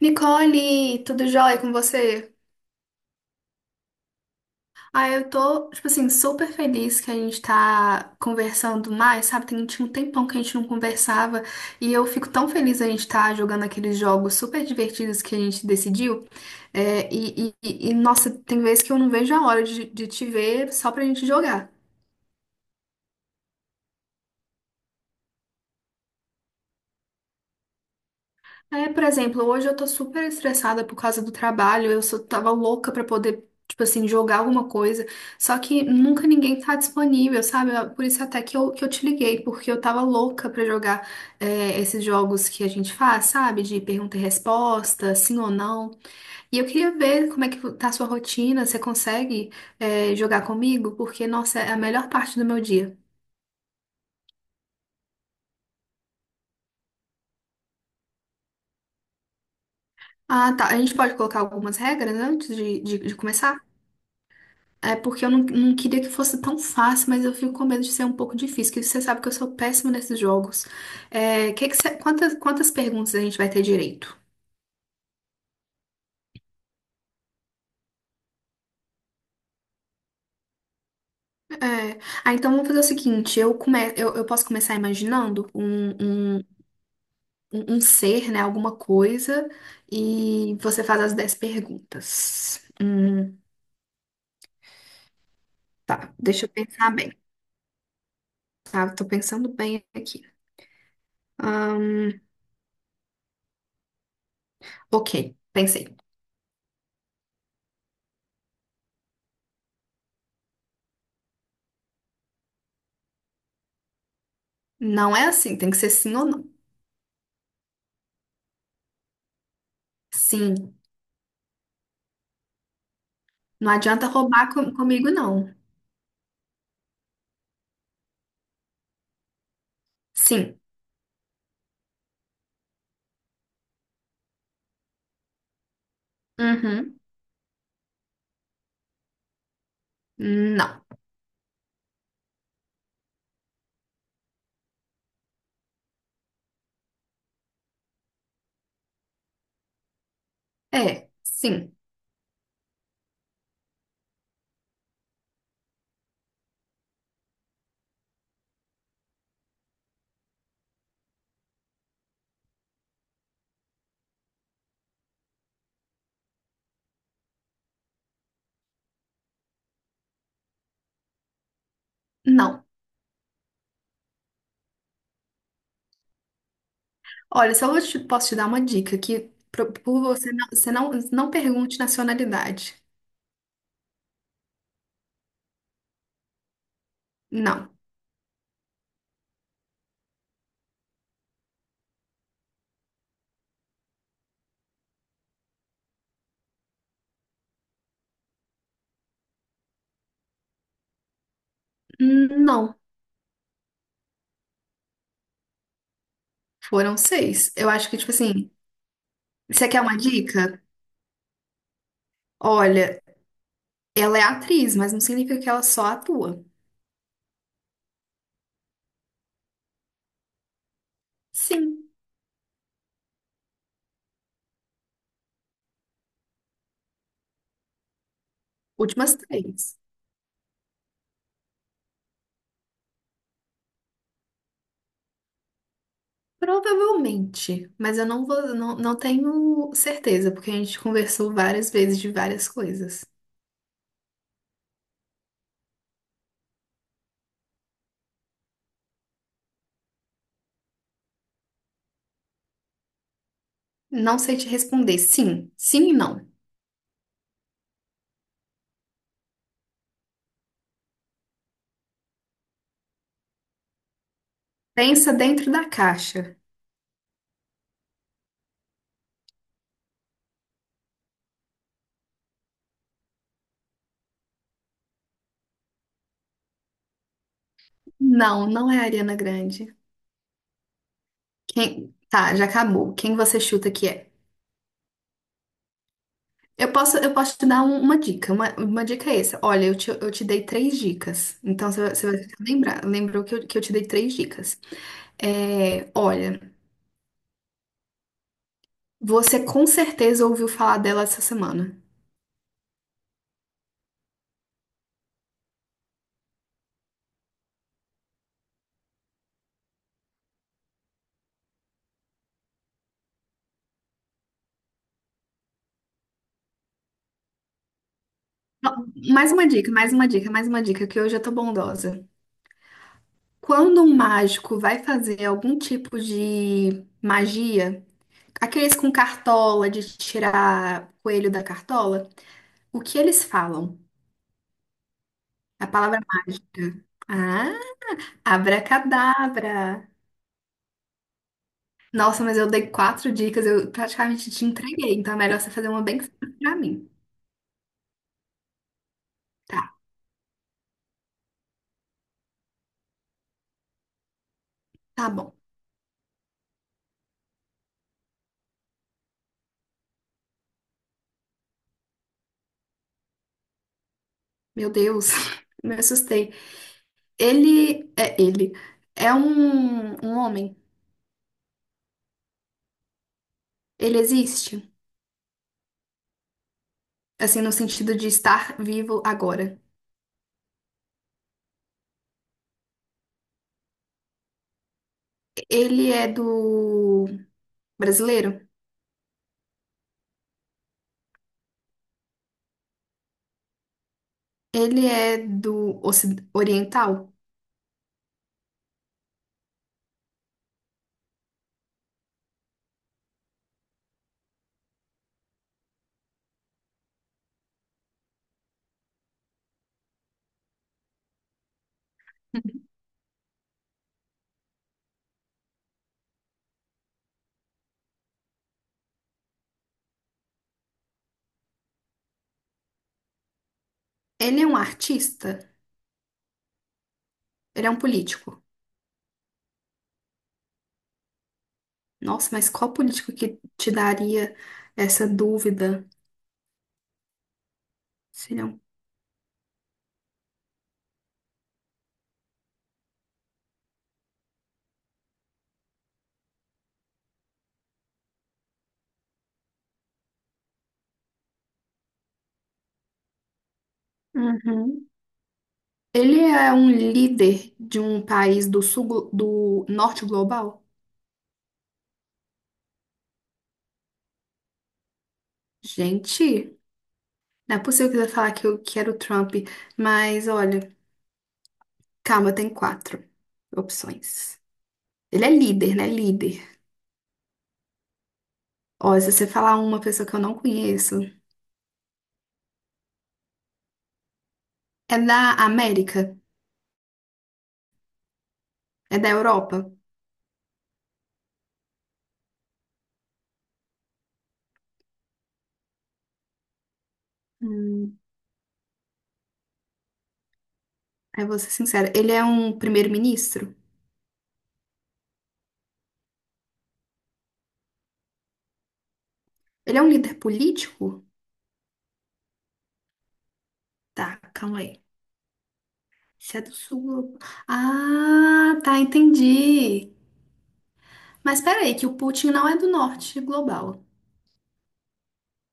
Nicole, tudo jóia com você? Ah, eu tô, tipo assim, super feliz que a gente tá conversando mais, sabe? Tinha um tempão que a gente não conversava e eu fico tão feliz a gente tá jogando aqueles jogos super divertidos que a gente decidiu. É, nossa, tem vezes que eu não vejo a hora de te ver só pra gente jogar. É, por exemplo, hoje eu tô super estressada por causa do trabalho, eu só tava louca pra poder, tipo assim, jogar alguma coisa, só que nunca ninguém tá disponível, sabe? Ah, por isso até que eu te liguei, porque eu tava louca pra jogar esses jogos que a gente faz, sabe? De pergunta e resposta, sim ou não. E eu queria ver como é que tá a sua rotina, você consegue jogar comigo? Porque, nossa, é a melhor parte do meu dia. Ah, tá. A gente pode colocar algumas regras antes de começar? É porque eu não queria que fosse tão fácil, mas eu fico com medo de ser um pouco difícil, que você sabe que eu sou péssima nesses jogos. É, quantas, quantas perguntas a gente vai ter direito? É, ah, então vamos fazer o seguinte, eu posso começar imaginando um, um ser, né, alguma coisa, e você faz as 10 perguntas. Tá, deixa eu pensar bem, tá? Tô pensando bem aqui. Ok, pensei. Não é assim, tem que ser sim ou não. Sim. Não adianta roubar comigo, não. Sim. Uhum. Não. É. Sim. Não. Olha, só posso te dar uma dica por você você não pergunte nacionalidade. Não. Não. Foram seis. Eu acho que, tipo assim, você quer uma dica? Olha, ela é atriz, mas não significa que ela só atua. Sim. Últimas três. Provavelmente, mas eu não, tenho certeza, porque a gente conversou várias vezes de várias coisas. Não sei te responder. Sim, sim e não. Pensa dentro da caixa. Não, não é a Ariana Grande. Quem... Tá, já acabou. Quem você chuta que é? Eu posso te dar uma dica. Uma dica é essa. Olha, eu te dei 3 dicas. Então você vai ficar lembrar. Lembrou que eu te dei 3 dicas. É, olha, você com certeza ouviu falar dela essa semana. Mais uma dica, mais uma dica, mais uma dica, que hoje eu tô bondosa. Quando um mágico vai fazer algum tipo de magia. Aqueles com cartola, de tirar coelho da cartola, o que eles falam? A palavra mágica. Ah, abracadabra. Nossa, mas eu dei 4 dicas, eu praticamente te entreguei, então é melhor você fazer uma bem simples pra mim. Tá, tá bom. Meu Deus, me assustei. Ele. É um homem. Ele existe, assim, no sentido de estar vivo agora. Ele é do brasileiro? Ele é do Oriental? Ele é um artista? Ele é um político? Nossa, mas qual político que te daria essa dúvida? Se ele é um- Uhum. Ele é um líder de um país do do norte global? Gente, não é possível que você vai falar que eu quero o Trump, mas olha, calma, tem 4 opções. Ele é líder, né? Líder. Ó, se você falar uma pessoa que eu não conheço, é da América, é da Europa. Hum, eu vou ser sincera. Ele é um primeiro-ministro? Ele é um líder político? Tá, calma aí. Se é do sul. Ah, tá, entendi. Mas peraí, que o Putin não é do norte global.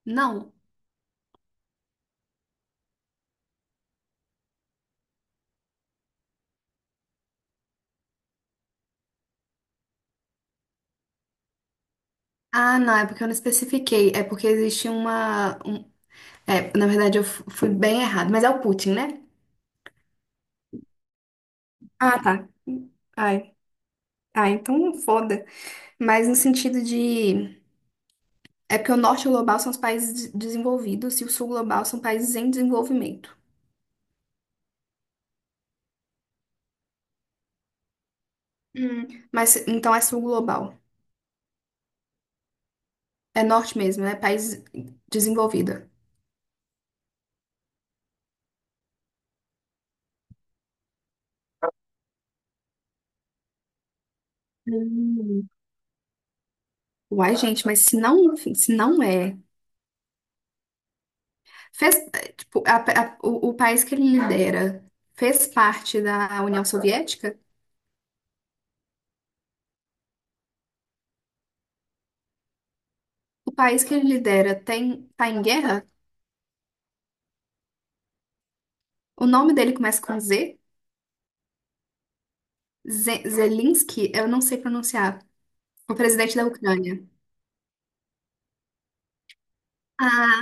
Não. Ah, não, é porque eu não especifiquei. É porque existe uma. Um- É, na verdade, eu fui bem errado. Mas é o Putin, né? Ah, tá. Ai. Ah, então foda. Mas no sentido de. É porque o norte global são os países desenvolvidos e o sul global são países em desenvolvimento. Hum, mas então é sul global. É norte mesmo, é país desenvolvido. Hum. Uai, gente, mas se não, se não é, fez, tipo, o país que ele lidera fez parte da União Soviética? O país que ele lidera tá em guerra? O nome dele começa com Z? Zelensky, eu não sei pronunciar. O presidente da Ucrânia. Ah,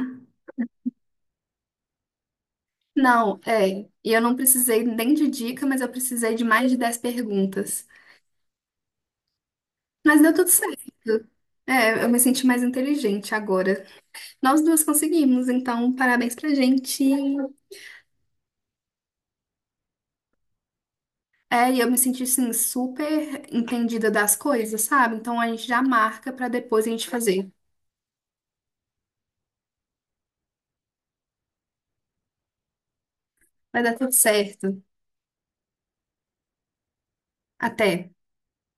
não, é. E eu não precisei nem de dica, mas eu precisei de mais de 10 perguntas. Mas deu tudo certo. É, eu me senti mais inteligente agora. Nós duas conseguimos, então parabéns pra gente. É, e eu me senti assim super entendida das coisas, sabe? Então a gente já marca pra depois a gente fazer. Vai dar tudo certo. Até.